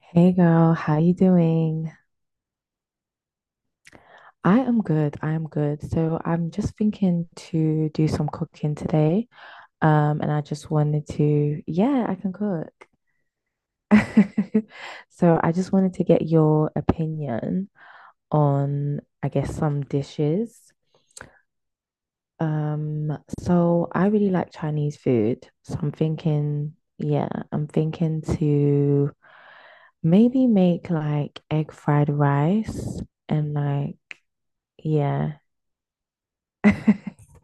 Hey girl, how you doing? I am good. I am good. So I'm just thinking to do some cooking today. And I just wanted to, yeah, I can cook. So I just wanted to get your opinion on, I guess, some dishes. So I really like Chinese food. So I'm thinking, yeah, I'm thinking to maybe make like egg fried rice and like, yeah.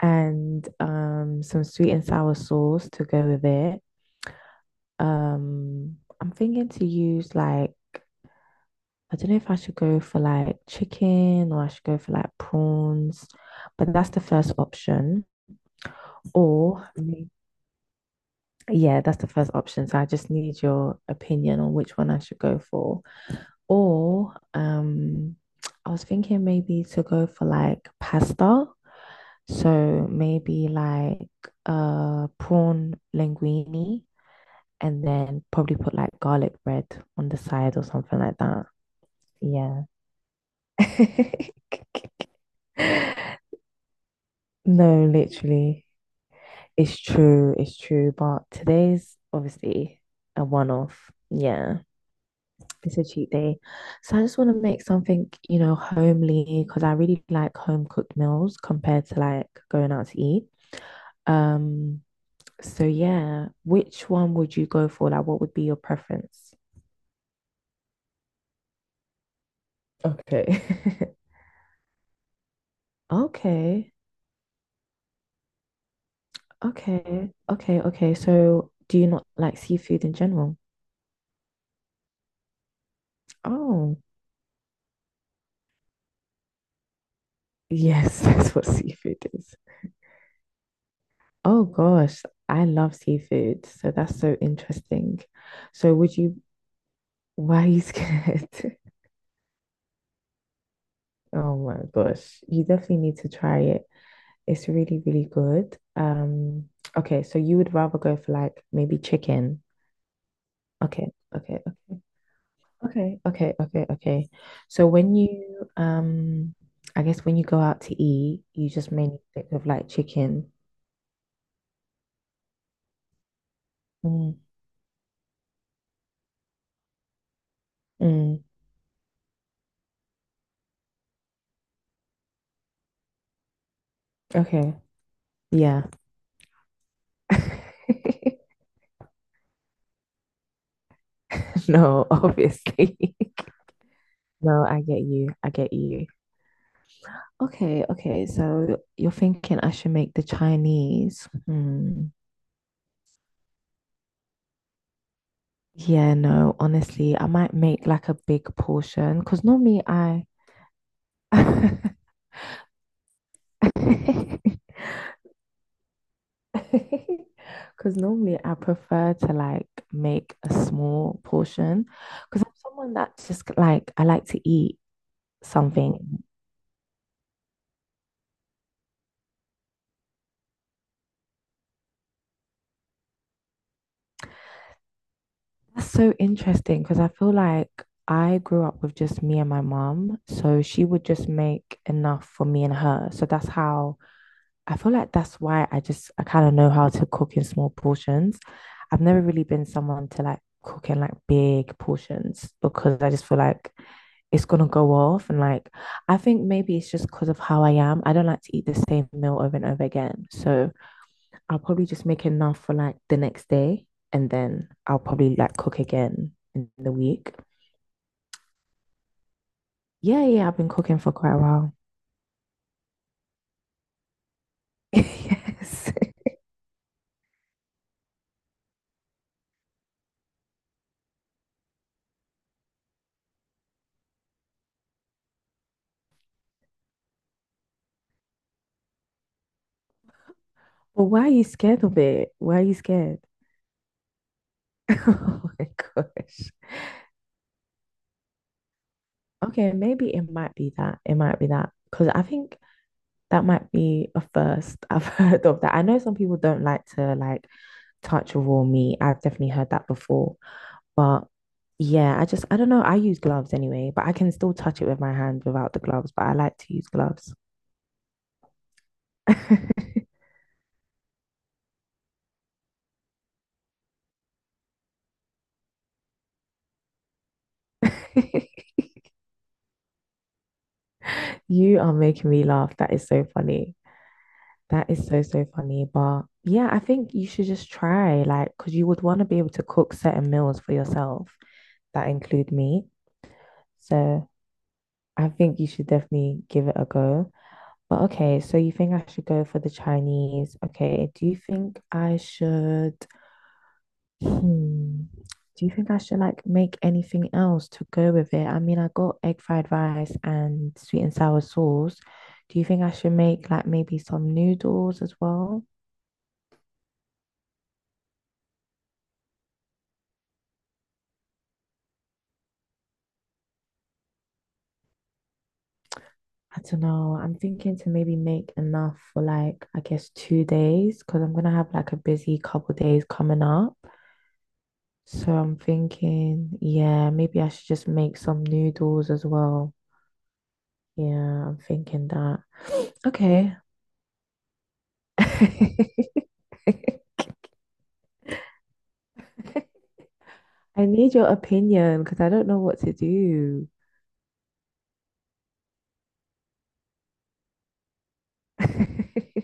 And some sweet and sour sauce to go with it. I'm thinking to use like, I don't know if I should go for like chicken or I should go for like prawns, but that's the first option. Or, Mhm. Yeah, that's the first option. So I just need your opinion on which one I should go for. Or, um, I was thinking maybe to go for like pasta. So maybe like prawn linguine and then probably put like garlic bread on the side or something like that. Yeah. No, literally. It's true, it's true. But today's obviously a one-off. Yeah. It's a cheat day. So I just want to make something, you know, homely because I really like home cooked meals compared to like going out to eat. Um, So yeah, which one would you go for? Like, what would be your preference? Okay. Okay, okay, okay, okay. So do you not like seafood in general? Oh, yes, that's what seafood is. Oh gosh, I love seafood. So that's so interesting. So would why are you scared? Oh my gosh, you definitely need to try it. It's really, really good. Okay, so you would rather go for like maybe chicken. Okay, okay, okay, okay, okay, okay, okay. So when I guess when you go out to eat, you just mainly think of like chicken. Mm, mm, okay, yeah. No, obviously. No, I get you. I get you. Okay, okay. So you're thinking I should make the Chinese. Hmm. Yeah, no, honestly, I might make like a big portion because normally I because normally I prefer to like make a small portion because I'm someone that just like I like to eat something. That's so interesting because I feel like I grew up with just me and my mom, so she would just make enough for me and her. So that's how I feel like that's why I kind of know how to cook in small portions. I've never really been someone to like cook in like big portions because I just feel like it's gonna go off. And like, I think maybe it's just because of how I am. I don't like to eat the same meal over and over again. So I'll probably just make enough for like the next day, and then I'll probably like cook again in the week. Yeah, yeah, I've been cooking for quite a while. Yes. But why are you scared of it? Why are you scared? Oh my gosh. Okay, maybe it might be that. It might be that. Because I think that might be a first I've heard of that. I know some people don't like to like touch raw meat. I've definitely heard that before. But yeah, I don't know. I use gloves anyway, but I can still touch it with my hand without the gloves, but I like to use gloves. You are making me laugh. That is so funny. That is so, so funny. But yeah, I think you should just try, like, because you would want to be able to cook certain meals for yourself that include meat. So I think you should definitely give it a go. But okay, so you think I should go for the Chinese? Okay, do you think I hmm, do you think I should like make anything else to go with it? I mean, I got egg fried rice and sweet and sour sauce. Do you think I should make like maybe some noodles as well? I don't know. I'm thinking to maybe make enough for like, I guess 2 days because I'm gonna have like a busy couple days coming up. So I'm thinking, yeah, maybe I should just make some noodles as well. Yeah, I'm thinking that. Okay. I need your opinion because I don't know what to do.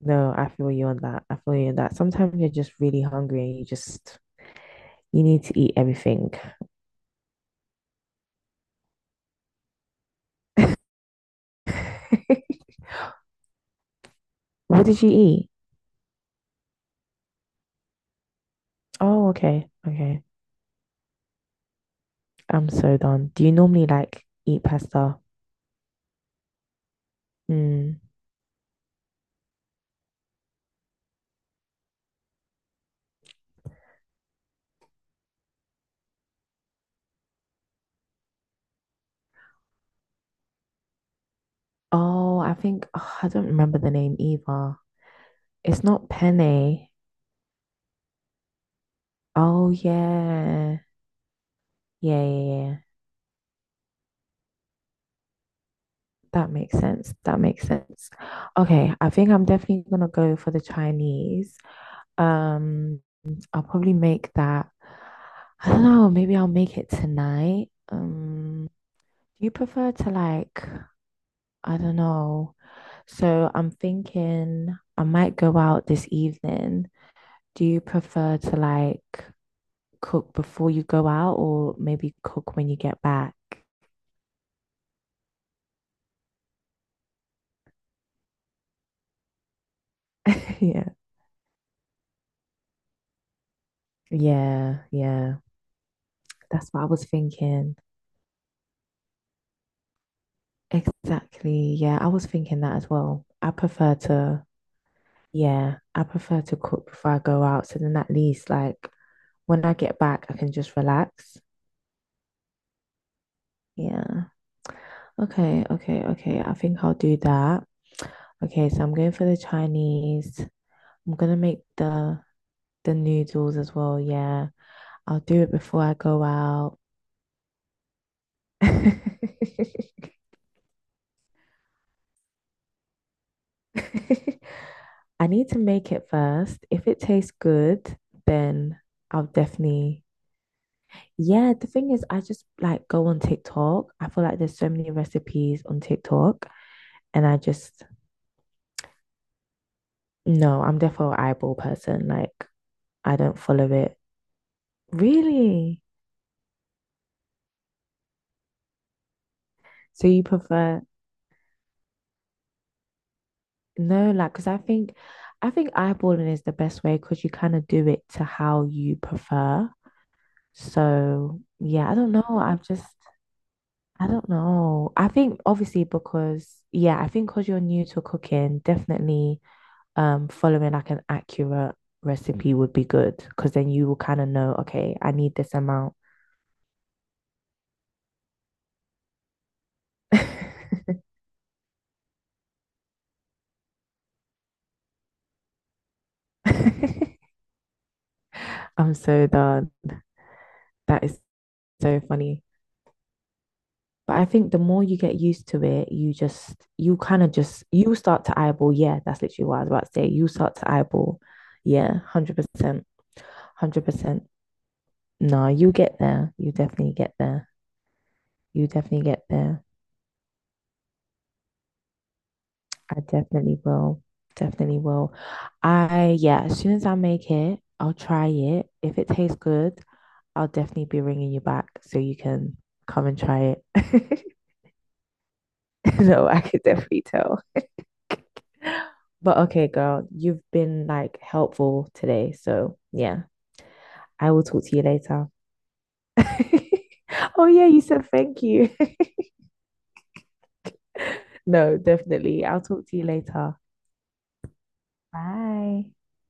No, I feel you on that. I feel you on that. Sometimes you're just really hungry and you need to eat everything. What did you eat? Oh, okay. Okay. I'm so done. Do you normally like eat pasta? Hmm. Oh, I think oh, I don't remember the name either. It's not penne. Oh yeah. Yeah, yeah, yeah. That makes sense. That makes sense. Okay, I think I'm definitely gonna go for the Chinese. Um, I'll probably make that. I don't know, maybe I'll make it tonight. Do you prefer to I don't know. So I'm thinking I might go out this evening. Do you prefer to like cook before you go out or maybe cook when you get back? Yeah. Yeah, yeah. That's what I was thinking. Exactly. Yeah, I was thinking that as well. Yeah, I prefer to cook before I go out. So then at least like when I get back, I can just relax. Yeah. Okay, okay, okay. I think I'll do that. Okay, so I'm going for the Chinese. I'm gonna make the noodles as well. Yeah. I'll do it before I go out. I need to make it first. If it tastes good, then I'll definitely. Yeah, the thing is, I just like go on TikTok. I feel like there's so many recipes on TikTok, and no, I'm definitely an eyeball person. Like, I don't follow it. Really? So you prefer, no, like, I think eyeballing is the best way because you kind of do it to how you prefer. So, yeah, I don't know. I don't know. I think obviously because yeah, I think because you're new to cooking, definitely following like an accurate recipe would be good because then you will kind of know, okay, I need this amount. I'm so done. That is so funny. But I think the more you get used to it, you just you kind of just you start to eyeball. Yeah, that's literally what I was about to say. You start to eyeball. Yeah, 100%. 100%. No, you get there. You definitely get there. You definitely get there. I definitely will. Definitely will. I, yeah, as soon as I make it, I'll try it. If it tastes good, I'll definitely be ringing you back so you can come and try it. No, I could definitely tell. But okay, girl, you've been like helpful today. So yeah, I will talk to you later. Oh, yeah, you said thank you. No, definitely. I'll talk to you later. Bye.